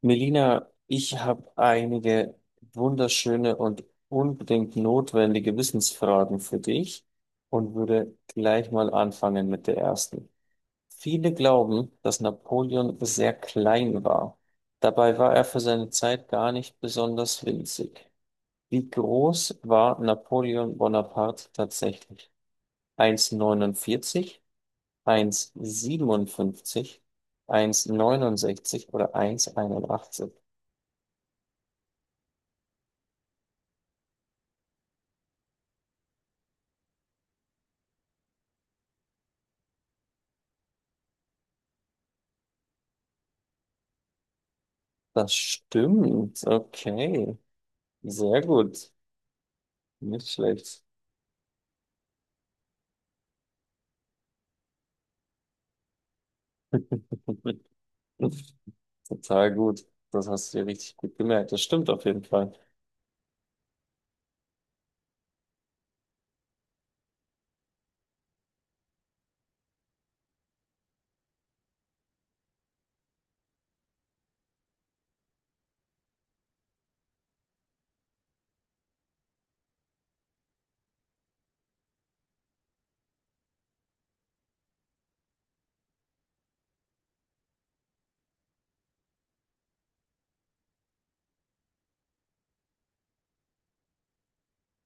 Melina, ich habe einige wunderschöne und unbedingt notwendige Wissensfragen für dich und würde gleich mal anfangen mit der ersten. Viele glauben, dass Napoleon sehr klein war. Dabei war er für seine Zeit gar nicht besonders winzig. Wie groß war Napoleon Bonaparte tatsächlich? 1,49, 1,57, neunundsechzig oder 1,81? Das stimmt. Okay. Sehr gut. Nicht schlecht. Total gut. Das hast du dir richtig gut gemerkt. Das stimmt auf jeden Fall.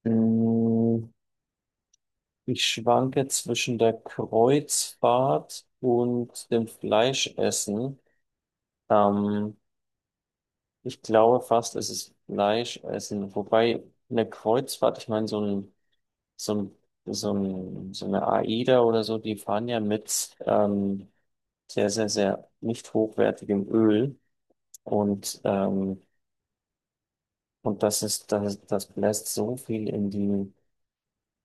Mm, Ich schwanke zwischen der Kreuzfahrt und dem Fleischessen. Ähm, Ich glaube fast, es ist Fleischessen. Wobei eine Kreuzfahrt, ich meine, so ein, so eine AIDA oder so, die fahren ja mit sehr, sehr, sehr nicht hochwertigem Öl. Und, ähm, und das bläst so viel in die,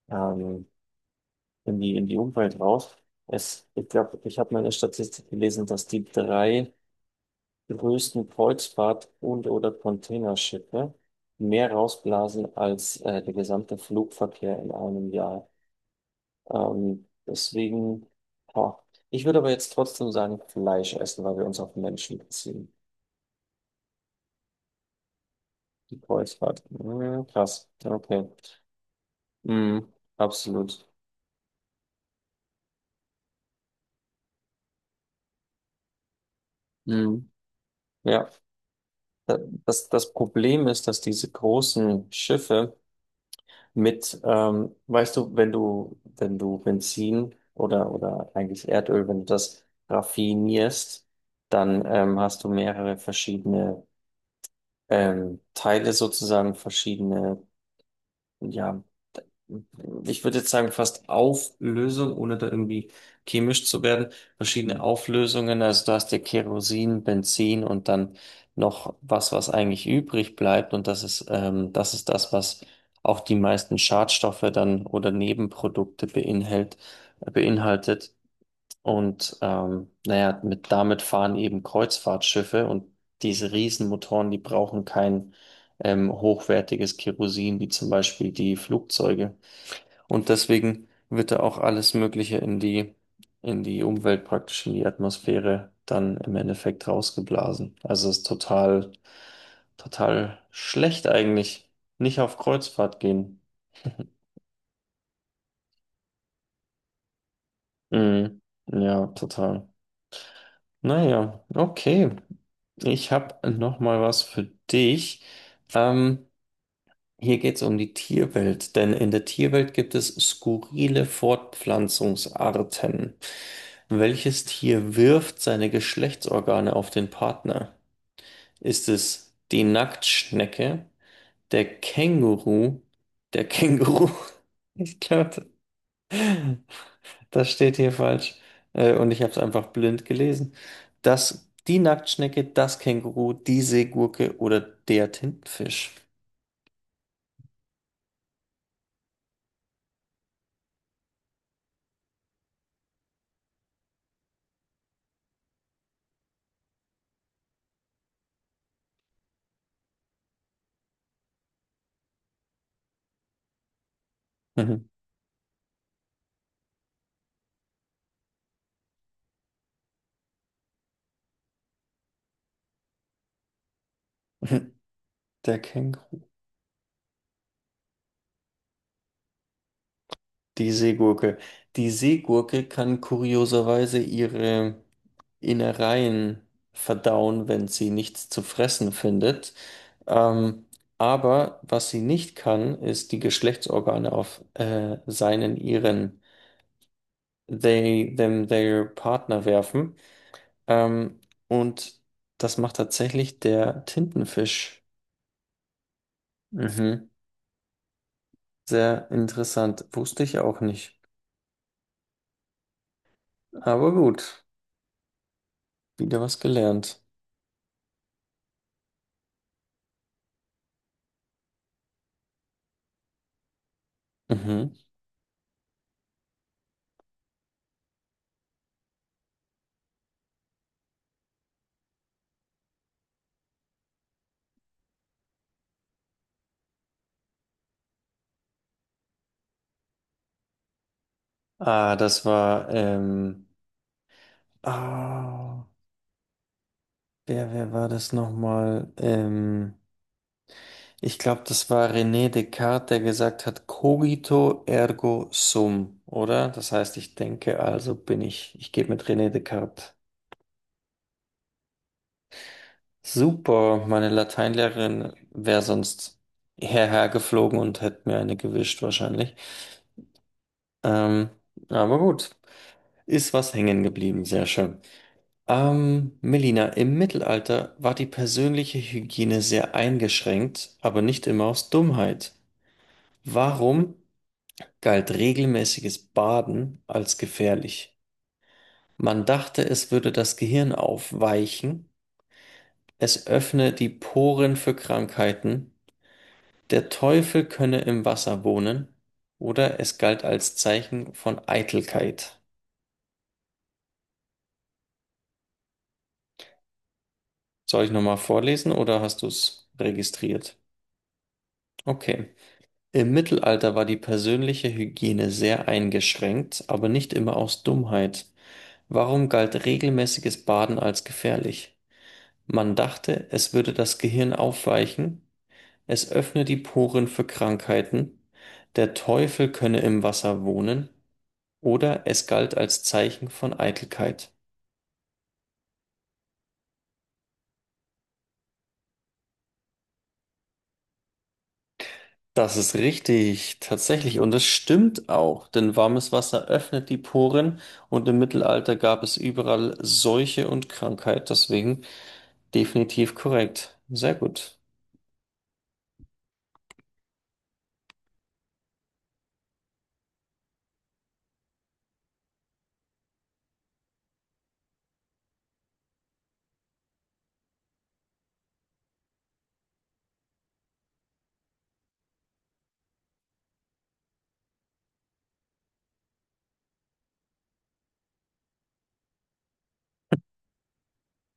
ähm, Umwelt raus. Ich glaube, ich habe mal eine Statistik gelesen, dass die drei größten Kreuzfahrt- und oder Containerschiffe mehr rausblasen als der gesamte Flugverkehr in einem Jahr. Deswegen, boah. Ich würde aber jetzt trotzdem sagen, Fleisch essen, weil wir uns auf Menschen beziehen. Die Kreuzfahrt. Ja, krass. Ja, okay. Mhm, absolut. Mhm. Ja, Da- das Problem ist, dass diese großen Schiffe weißt du, wenn du Benzin oder eigentlich Erdöl, wenn du das raffinierst, dann hast du mehrere verschiedene Teile sozusagen, verschiedene ja, ich würde jetzt sagen, fast Auflösung, ohne da irgendwie chemisch zu werden. Verschiedene Auflösungen, also da hast du Kerosin, Benzin und dann noch was, was eigentlich übrig bleibt. Und das ist das, was auch die meisten Schadstoffe dann oder Nebenprodukte beinhaltet. Und naja, damit fahren eben Kreuzfahrtschiffe, und diese Riesenmotoren, die brauchen kein hochwertiges Kerosin, wie zum Beispiel die Flugzeuge. Und deswegen wird da auch alles Mögliche in die Umwelt, praktisch in die Atmosphäre, dann im Endeffekt rausgeblasen. Also es ist total, total schlecht eigentlich. Nicht auf Kreuzfahrt gehen. Mhm. Ja, total. Naja, okay. Ich habe noch mal was für dich. Ähm, hier geht es um die Tierwelt, denn in der Tierwelt gibt es skurrile Fortpflanzungsarten. Welches Tier wirft seine Geschlechtsorgane auf den Partner? Ist es die Nacktschnecke, der Känguru, der Känguru? Ich glaube, das steht hier falsch. Und ich habe es einfach blind gelesen. Die Nacktschnecke, das Känguru, die Seegurke oder der Tintenfisch. Mhm. Der Känguru. Die Seegurke. Die Seegurke kann kurioserweise ihre Innereien verdauen, wenn sie nichts zu fressen findet. Ähm, aber was sie nicht kann, ist die Geschlechtsorgane auf seinen, ihren, they, them, their Partner werfen. Ähm, und das macht tatsächlich der Tintenfisch. Mhm. Sehr interessant. Wusste ich auch nicht. Aber gut, wieder was gelernt. Mhm. Ah, das war, ah, wer war das nochmal? Ich glaube, das war René Descartes, der gesagt hat, cogito ergo sum, oder? Das heißt, ich denke, also bin ich. Ich gehe mit René Descartes. Super, meine Lateinlehrerin wäre sonst hierher geflogen und hätte mir eine gewischt wahrscheinlich. Ähm, aber gut, ist was hängen geblieben, sehr schön. Melina, im Mittelalter war die persönliche Hygiene sehr eingeschränkt, aber nicht immer aus Dummheit. Warum galt regelmäßiges Baden als gefährlich? Man dachte, es würde das Gehirn aufweichen, es öffne die Poren für Krankheiten, der Teufel könne im Wasser wohnen, oder es galt als Zeichen von Eitelkeit. Soll ich nochmal vorlesen oder hast du es registriert? Okay. Im Mittelalter war die persönliche Hygiene sehr eingeschränkt, aber nicht immer aus Dummheit. Warum galt regelmäßiges Baden als gefährlich? Man dachte, es würde das Gehirn aufweichen, es öffne die Poren für Krankheiten, der Teufel könne im Wasser wohnen, oder es galt als Zeichen von Eitelkeit. Das ist richtig, tatsächlich. Und das stimmt auch, denn warmes Wasser öffnet die Poren und im Mittelalter gab es überall Seuche und Krankheit. Deswegen definitiv korrekt. Sehr gut.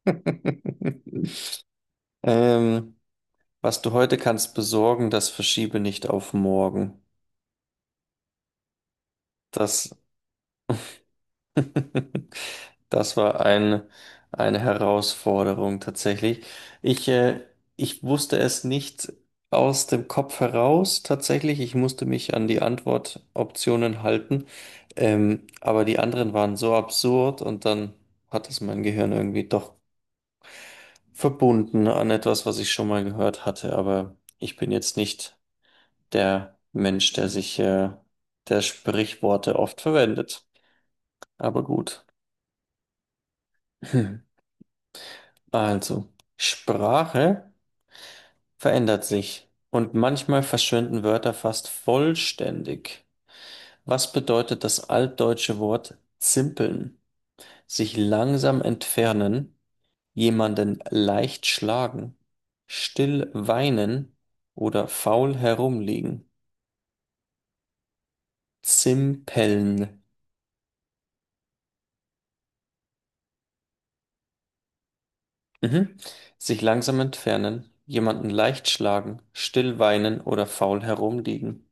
Ähm, was du heute kannst besorgen, das verschiebe nicht auf morgen. Das Das war eine Herausforderung tatsächlich. Ich, äh, ich wusste es nicht aus dem Kopf heraus tatsächlich. Ich musste mich an die Antwortoptionen halten. Aber die anderen waren so absurd und dann hat es mein Gehirn irgendwie doch verbunden an etwas, was ich schon mal gehört hatte. Aber ich bin jetzt nicht der Mensch, der Sprichworte oft verwendet. Aber gut. Also, Sprache verändert sich und manchmal verschwinden Wörter fast vollständig. Was bedeutet das altdeutsche Wort zimpeln? Sich langsam entfernen, jemanden leicht schlagen, still weinen oder faul herumliegen. Zimpeln. Mhm. Sich langsam entfernen, jemanden leicht schlagen, still weinen oder faul herumliegen.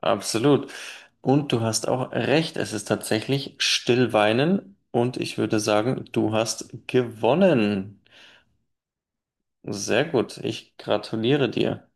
Absolut. Und du hast auch recht, es ist tatsächlich Stillweinen und ich würde sagen, du hast gewonnen. Sehr gut, ich gratuliere dir.